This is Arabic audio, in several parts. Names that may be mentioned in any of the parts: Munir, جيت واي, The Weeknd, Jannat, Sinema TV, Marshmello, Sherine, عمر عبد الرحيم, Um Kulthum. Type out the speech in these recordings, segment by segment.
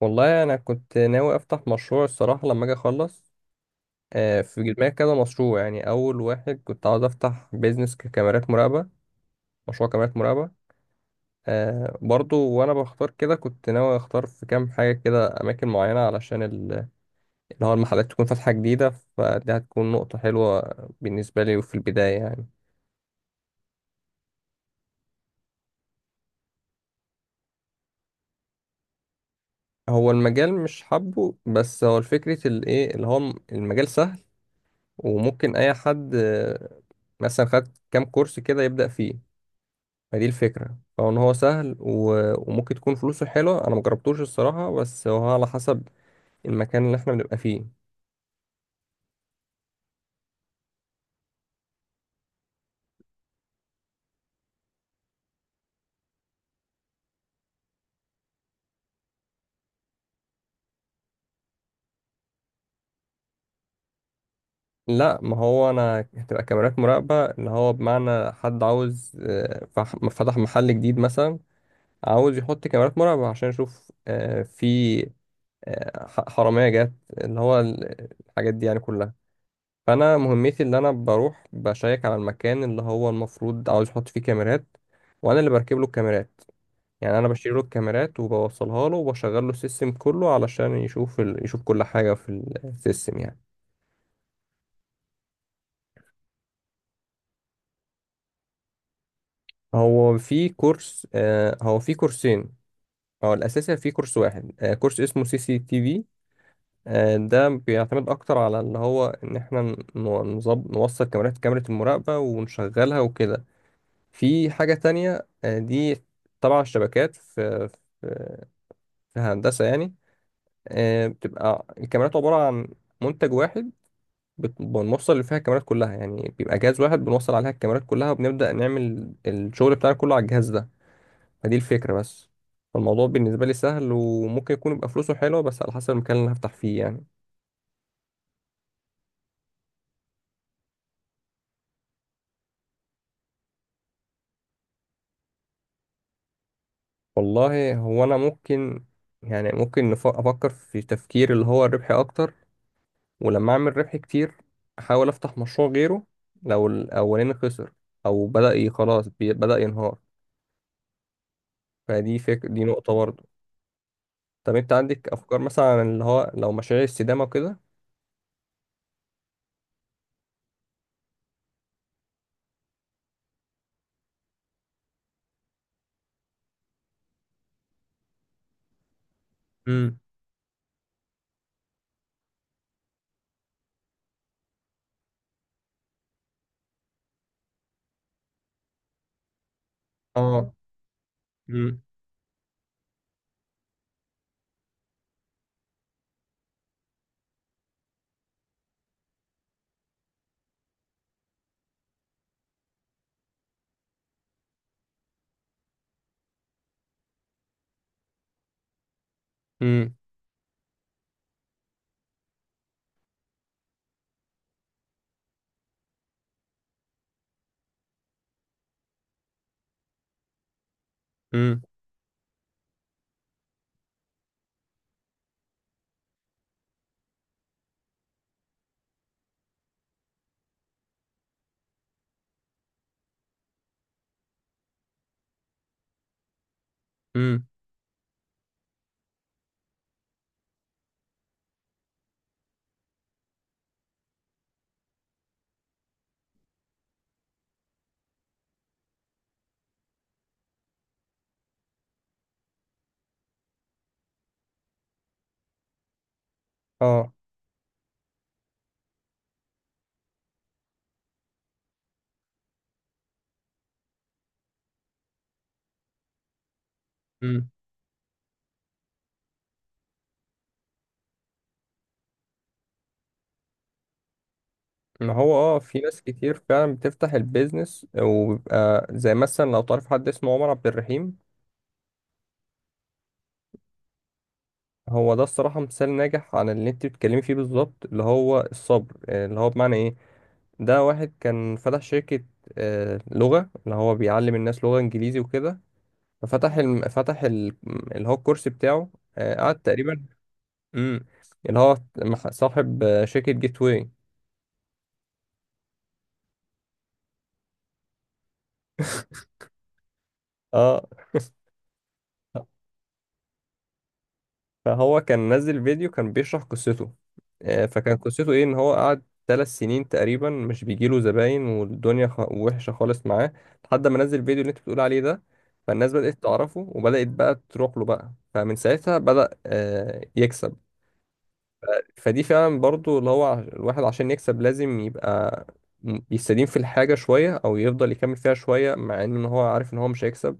والله انا كنت ناوي افتح مشروع الصراحه لما اجي اخلص. في دماغي كذا مشروع، يعني اول واحد كنت عاوز افتح بيزنس ككاميرات مراقبه. مشروع كاميرات مراقبه. برضو وانا بختار كده كنت ناوي اختار في كام حاجه كده، اماكن معينه علشان اللي هو المحلات تكون فاتحه جديده. فدي هتكون نقطه حلوه بالنسبه لي في البدايه يعني. هو المجال مش حابه، بس هو الفكرة الايه اللي هو المجال سهل وممكن اي حد، مثلا خد كام كورس كده يبدأ فيه. فدي الفكرة، فهو ان هو سهل وممكن تكون فلوسه حلوة. انا مجربتوش الصراحة، بس هو على حسب المكان اللي احنا بنبقى فيه. لا، ما هو انا هتبقى كاميرات مراقبة اللي هو بمعنى حد عاوز فتح محل جديد مثلا، عاوز يحط كاميرات مراقبة عشان يشوف في حرامية جت، اللي هو الحاجات دي يعني كلها. فانا مهمتي اللي انا بروح بشيك على المكان اللي هو المفروض عاوز يحط فيه كاميرات، وانا اللي بركب له الكاميرات. يعني انا بشتري له الكاميرات وبوصلها له وبشغل له السيستم كله علشان يشوف يشوف كل حاجه في السيستم يعني. هو في كورس، هو في كورسين. هو الاساسي في كورس واحد، كورس اسمه CCTV. ده بيعتمد اكتر على اللي هو ان احنا نوصل كاميرا المراقبه ونشغلها وكده. في حاجه تانية دي. طبعا الشبكات في في هندسه يعني. بتبقى الكاميرات عباره عن منتج واحد. بنوصل اللي فيها الكاميرات كلها، يعني بيبقى جهاز واحد بنوصل عليها الكاميرات كلها وبنبدأ نعمل الشغل بتاعنا كله على الجهاز ده. فدي الفكرة بس. فالموضوع بالنسبة لي سهل وممكن يكون يبقى فلوسه حلوة، بس على حسب المكان اللي هفتح فيه يعني. والله هو أنا ممكن، يعني ممكن أفكر في تفكير اللي هو الربحي أكتر. ولما أعمل ربح كتير، أحاول أفتح مشروع غيره لو الأولاني خسر، أو بدأ خلاص، بدأ ينهار. فدي فكرة، دي نقطة برضه. طب أنت عندك أفكار مثلا عن اللي هو لو مشاريع استدامة وكده؟ امم. اه. امم. امم. امم. امم. اه. امم. ما هو في ناس كتير فعلا بتفتح البيزنس وبيبقى زي مثلا لو تعرف حد اسمه عمر عبد الرحيم. هو ده الصراحة مثال ناجح عن اللي انت بتتكلمي فيه بالظبط، اللي هو الصبر. اللي هو بمعنى ايه، ده واحد كان فتح شركة لغة، اللي هو بيعلم الناس لغة انجليزي وكده. ففتح الم... فتح ال... اللي هو الكورس بتاعه، قعد تقريبا. امم. اللي هو صاحب شركة جيت واي. اه. فهو كان نزل فيديو كان بيشرح قصته، فكان قصته ايه ان هو قعد 3 سنين تقريبا مش بيجيله زباين، والدنيا وحشة خالص معاه. لحد ما نزل الفيديو اللي انت بتقول عليه ده، فالناس بدأت تعرفه وبدأت بقى تروح له بقى، فمن ساعتها بدأ يكسب. فدي فعلا برضو اللي هو الواحد عشان يكسب لازم يبقى يستديم في الحاجة شوية، او يفضل يكمل فيها شوية مع ان هو عارف ان هو مش هيكسب،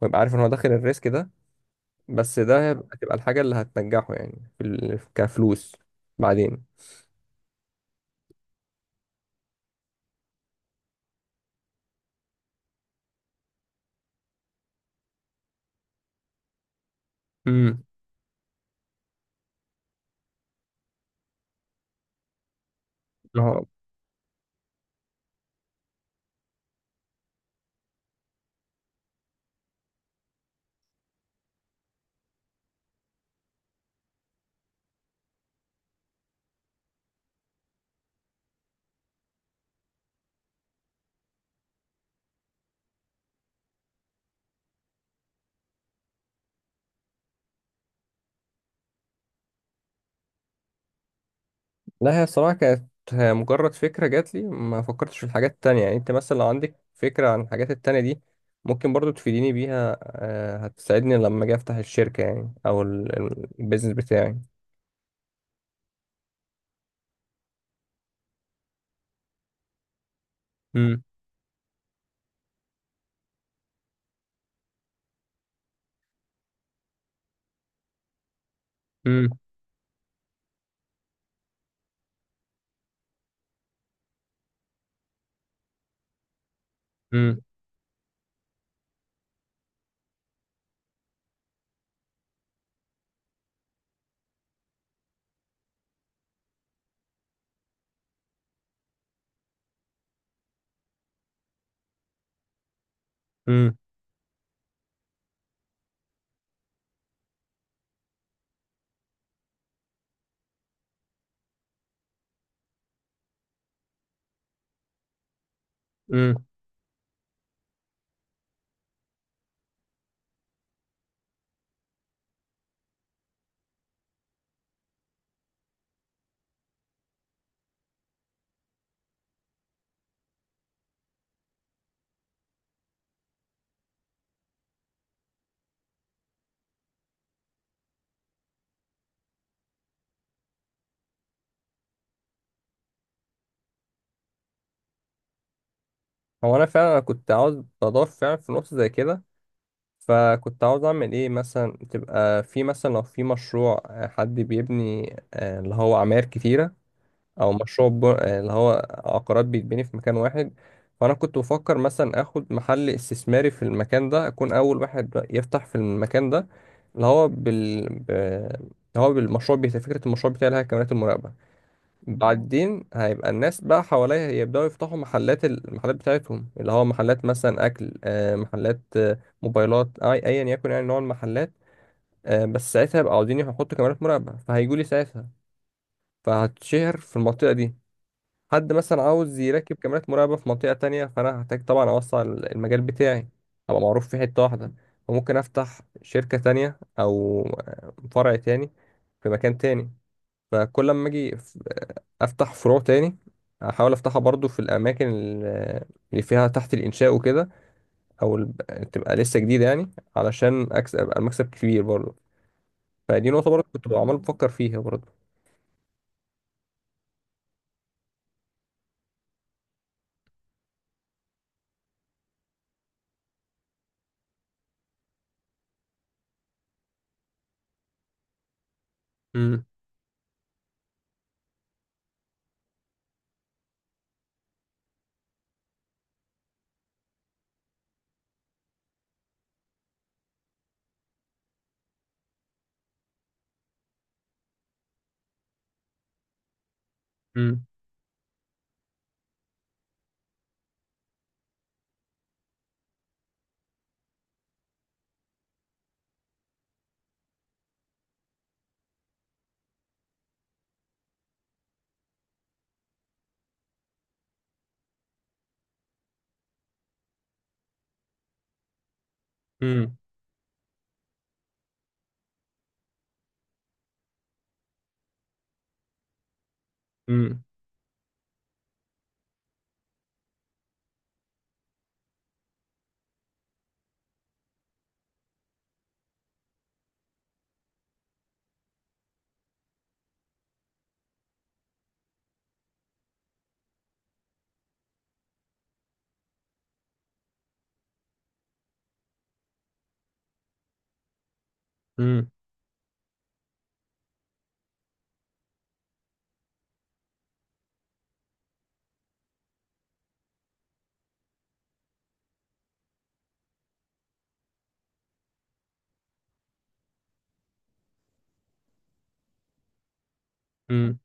ويبقى عارف ان هو داخل الريسك ده. بس ده هتبقى الحاجة اللي هتنجحه، يعني في كفلوس بعدين. امم. اه. لا، هي الصراحة كانت مجرد فكرة جات لي، ما فكرتش في الحاجات التانية. يعني انت مثلا لو عندك فكرة عن الحاجات التانية دي، ممكن برضو تفيديني بيها، هتساعدني لما اجي افتح الشركة يعني، او البيزنس بتاعي. امم. امم. امم. امم. هو انا فعلا أنا كنت عاوز اضاف فعلا في نقطة زي كده. فكنت عاوز اعمل ايه، مثلا تبقى في، مثلا لو في مشروع، حد بيبني اللي هو عماير كتيرة، او مشروع اللي هو عقارات بيتبني في مكان واحد. فانا كنت بفكر مثلا اخد محل استثماري في المكان ده، اكون اول واحد يفتح في المكان ده اللي هو بال ب- اللي هو بالمشروع، بتاع فكرة المشروع بتاعي اللي هي كاميرات المراقبة. بعدين هيبقى الناس بقى حواليها يبدأوا يفتحوا المحلات بتاعتهم، اللي هو محلات مثلا أكل، محلات موبايلات، أيا يكن يعني نوع المحلات. بس ساعتها يبقى عاوزين يحطوا كاميرات مراقبة، فهيجولي ساعتها، فهتشهر في المنطقة دي. حد مثلا عاوز يركب كاميرات مراقبة في منطقة تانية، فأنا هحتاج طبعا أوسع المجال بتاعي، أبقى معروف في حتة واحدة. فممكن أفتح شركة تانية، أو فرع تاني في مكان تاني. فكل لما اجي افتح فروع تاني، احاول افتحها برضو في الاماكن اللي فيها تحت الانشاء وكده، او ال- تبقى لسه جديده يعني، علشان اكسب ابقى المكسب كبير برضو. فدي نقطه برضو كنت عمال بفكر فيها برضو. مم. مم. مم. مم. مم. مم.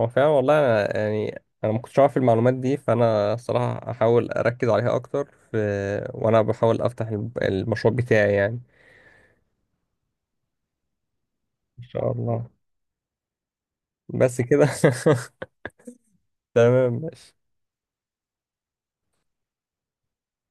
هو فعلا والله. أنا يعني انا ما كنتش عارف المعلومات دي، فانا الصراحه هحاول اركز عليها اكتر، في وانا بحاول افتح المشروع بتاعي يعني. ان شاء الله. بس كده. تمام.